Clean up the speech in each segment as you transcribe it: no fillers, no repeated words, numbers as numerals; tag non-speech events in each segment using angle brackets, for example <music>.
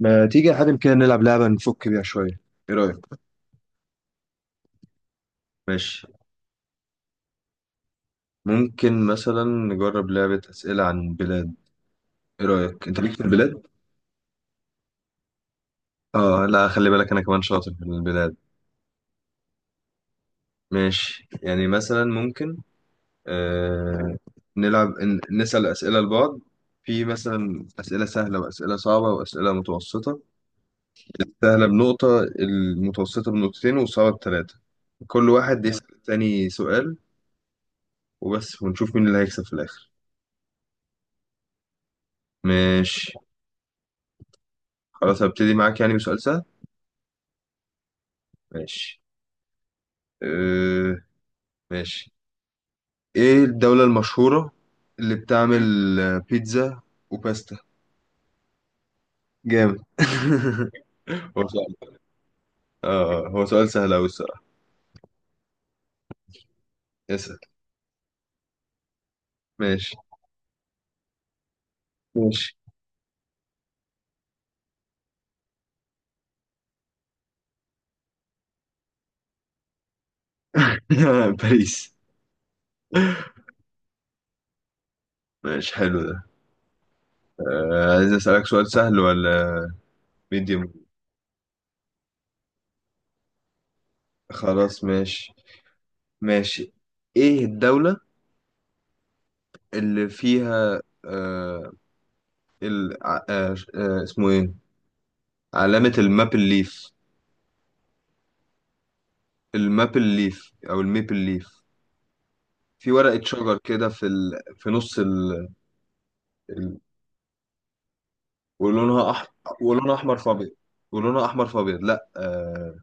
ما تيجي يا حاتم كده نلعب لعبة نفك بيها شوية، ايه رأيك؟ ماشي. ممكن مثلا نجرب لعبة أسئلة عن بلاد. إيه رأيك؟ أنت ليك في البلاد؟ آه لا، خلي بالك أنا كمان شاطر في البلاد. ماشي يعني مثلا ممكن آه نلعب نسأل أسئلة لبعض. في مثلا أسئلة سهلة وأسئلة صعبة وأسئلة متوسطة. سهلة بنقطة، المتوسطة بنقطتين، والصعبة بثلاثة. كل واحد يسأل التاني سؤال وبس، ونشوف مين اللي هيكسب في الآخر. ماشي خلاص هبتدي معاك يعني بسؤال سهل. ماشي. أه ماشي. ايه الدولة المشهورة اللي بتعمل بيتزا وباستا؟ جامد <laughs> هو سؤال، اه هو سؤال سهل أوي الصراحة. اسأل. ماشي. ماشي. <laughs> باريس. ماشي حلو ده. آه عايز أسألك سؤال سهل ولا ميديوم؟ خلاص ماشي. ماشي. ايه الدولة اللي فيها اسمه ايه، علامة الماب الليف؟ المابل ليف او الميبل ليف، في ورقة شجر كده في في نص ال... ولونها احمر. ولونها احمر في ابيض. ولونها احمر في ابيض لا آه...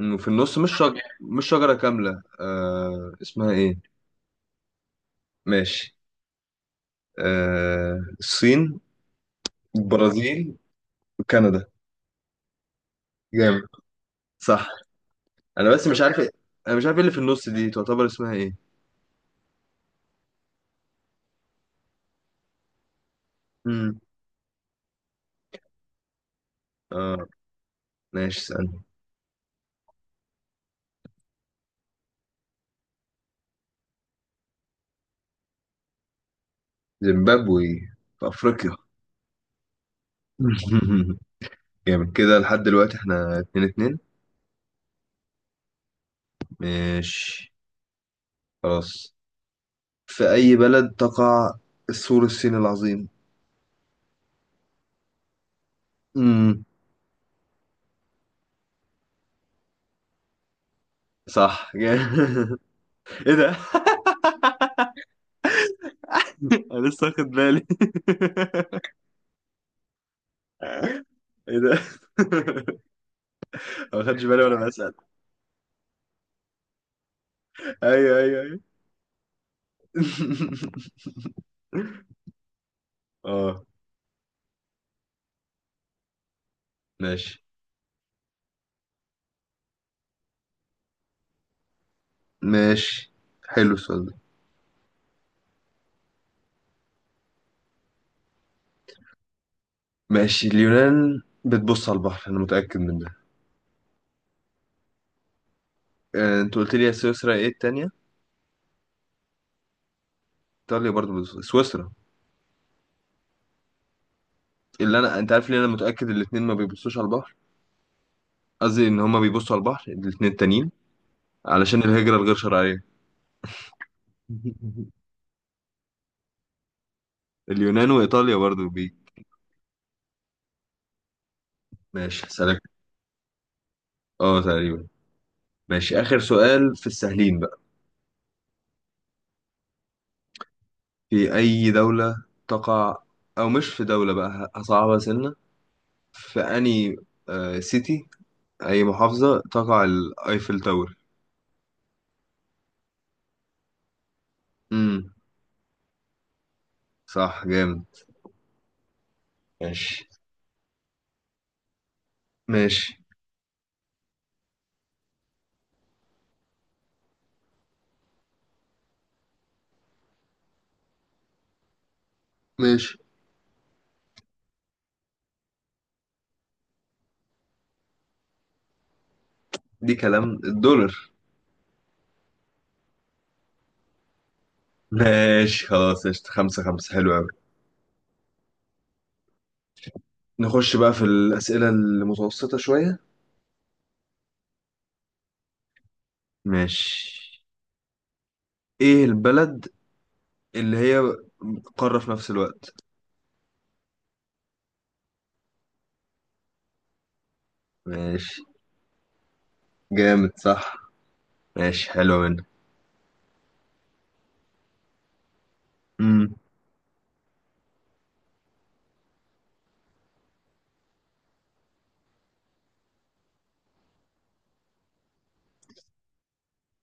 إنه في النص مش شجر، مش شجرة كاملة، اسمها ايه؟ ماشي. الصين، البرازيل، وكندا. جامد صح. انا بس مش عارف انا مش عارف ايه اللي في النص دي، تعتبر اسمها ايه. امم اه ماشي. استنى. زيمبابوي في افريقيا <laughs> جامد، كده لحد دلوقتي احنا 2-2. ماشي خلاص. في أي بلد تقع السور الصيني العظيم؟ امم صح <laughs> جامد. ايه ده <laughs> انا لسه واخد بالي <laughs> ايه ده <laughs> ما خدش بالي وانا بسأل. ايوه ايوه ايوه <laughs> اه. ماشي. ماشي. حلو السؤال ده. ماشي، اليونان بتبص على البحر انا متأكد من ده. آه، انت قلت لي يا سويسرا، ايه التانية؟ ايطاليا برضو بتبص، سويسرا اللي انا، انت عارف ليه انا متأكد الاتنين ما بيبصوش على البحر؟ قصدي ان هما بيبصوا على البحر الاتنين التانيين، علشان الهجرة الغير شرعية <laughs> اليونان وايطاليا برضو بي. ماشي سلام. اه تقريبا. ماشي اخر سؤال في السهلين بقى. في اي دولة تقع، او مش في دولة بقى هصعبها سنة، في اني آه سيتي اي محافظة تقع الايفل تاور؟ امم صح جامد. ماشي. ماشي. ماشي. دي كلام، الدولار. ماشي خلاص قشطة، خمسة خمسة، حلو أوي. نخش بقى في الأسئلة المتوسطة شوية. ماشي. ايه البلد اللي هي قارة في نفس الوقت؟ ماشي جامد صح. ماشي حلو منك. امم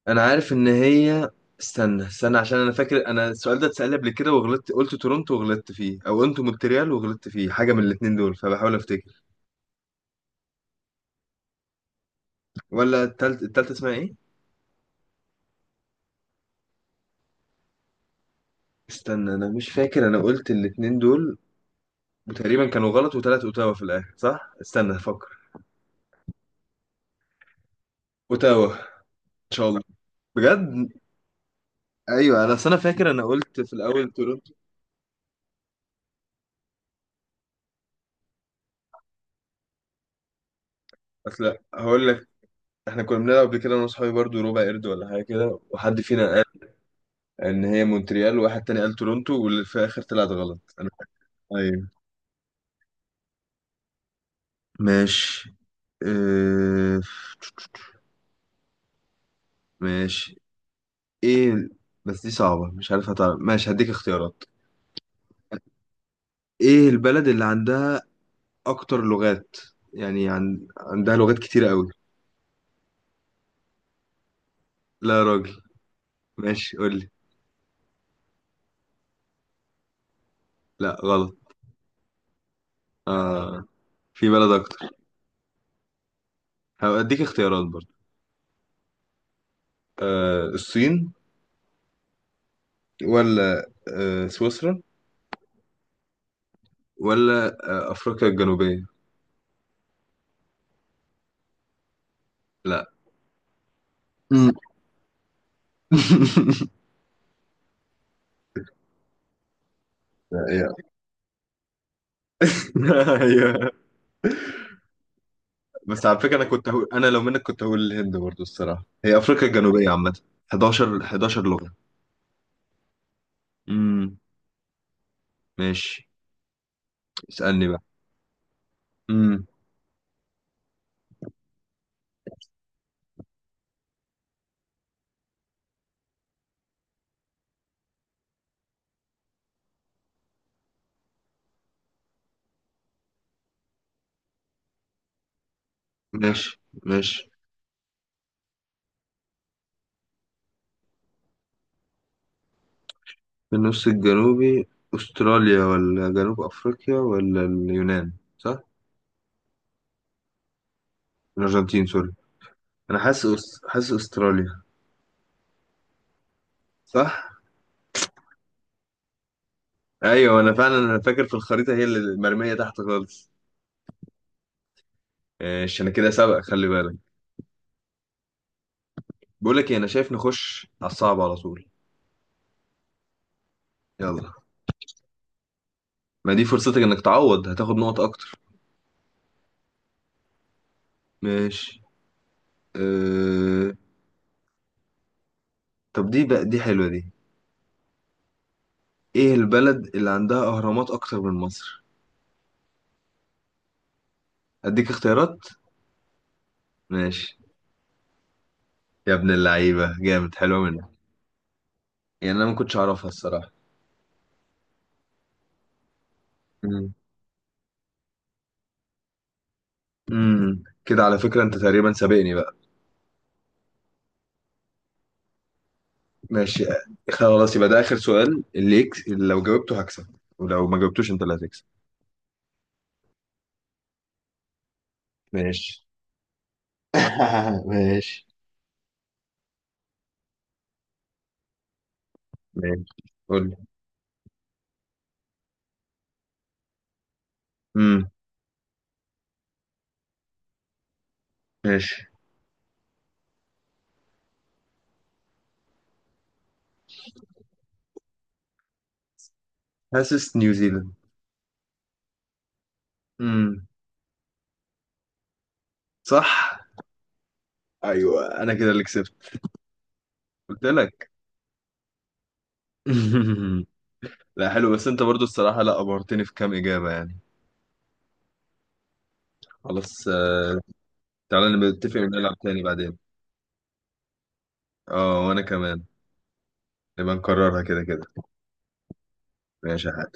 انا عارف ان هي، استنى استنى، عشان انا فاكر انا السؤال ده اتسأل لي قبل كده وغلطت قلت تورونتو وغلطت فيه، او قلت مونتريال وغلطت فيه، حاجة من الاتنين دول، فبحاول افتكر. ولا التالت، التالتة اسمها ايه؟ استنى انا مش فاكر، انا قلت الاتنين دول وتقريبا كانوا غلط، وتلات اوتاوا في الاخر صح، استنى افكر. اوتاوا ان شاء الله. بجد. ايوه انا اصل انا فاكر انا قلت في الاول تورنتو. اصل هقول لك، احنا كنا بنلعب قبل كده انا واصحابي برضو ربع قرد ولا حاجه كده، وحد فينا قال ان هي مونتريال، وواحد تاني قال تورنتو، واللي في الاخر طلعت غلط انا. ايوه. ماشي. اه... ماشي. ايه، بس دي صعبه مش عارف هتعرف. ماشي هديك اختيارات. ايه البلد اللي عندها اكتر لغات، عندها لغات كتيره قوي؟ لا يا راجل. ماشي قول لي. لا غلط. آه. في بلد اكتر، هديك اختيارات برضو. الصين، ولا سويسرا، ولا أفريقيا الجنوبية؟ لا <laughs> مم. <laughs> هي، هي <laughs> بس على فكرة أنا كنت هقول، أنا لو منك كنت هقول الهند برضو الصراحة. هي أفريقيا الجنوبية عامة 11 لغة. امم ماشي. اسألني بقى. امم ماشي. ماشي. في النص الجنوبي أستراليا ولا جنوب أفريقيا ولا اليونان؟ صح؟ الأرجنتين سوري، أنا حاسس، حاسس أستراليا. صح؟ ايوه انا فعلا انا فاكر في الخريطه هي اللي المرميه تحت خالص. ايش انا كده سبق، خلي بالك. بقول لك ايه، انا شايف نخش على الصعب على طول. يلا. ما دي فرصتك انك تعوض، هتاخد نقط اكتر. ماشي. أه... طب دي بقى، دي حلوه دي. ايه البلد اللي عندها اهرامات اكتر من مصر؟ اديك اختيارات؟ ماشي. يا ابن اللعيبه جامد، حلوه منك. يعني انا ما كنتش اعرفها الصراحه. امم أمم. كده على فكره انت تقريبا سابقني بقى. ماشي. خلاص يبقى ده آخر سؤال، اللي لو جاوبته هكسب، ولو ما جاوبتوش أنت اللي هتكسب. ماشي <laughs> ماشي. ماشي قول لي. امم ماشي. حاسس نيوزيلاند. امم صح. ايوه انا كده اللي كسبت. قلت لك <laughs> لا حلو، بس انت برضو الصراحه لا ابهرتني في كام اجابه يعني. خلاص آه، تعالى نبقى نتفق ونلعب تاني بعدين. اه وانا كمان، نبقى نكررها كده كده. ماشي يا حاج.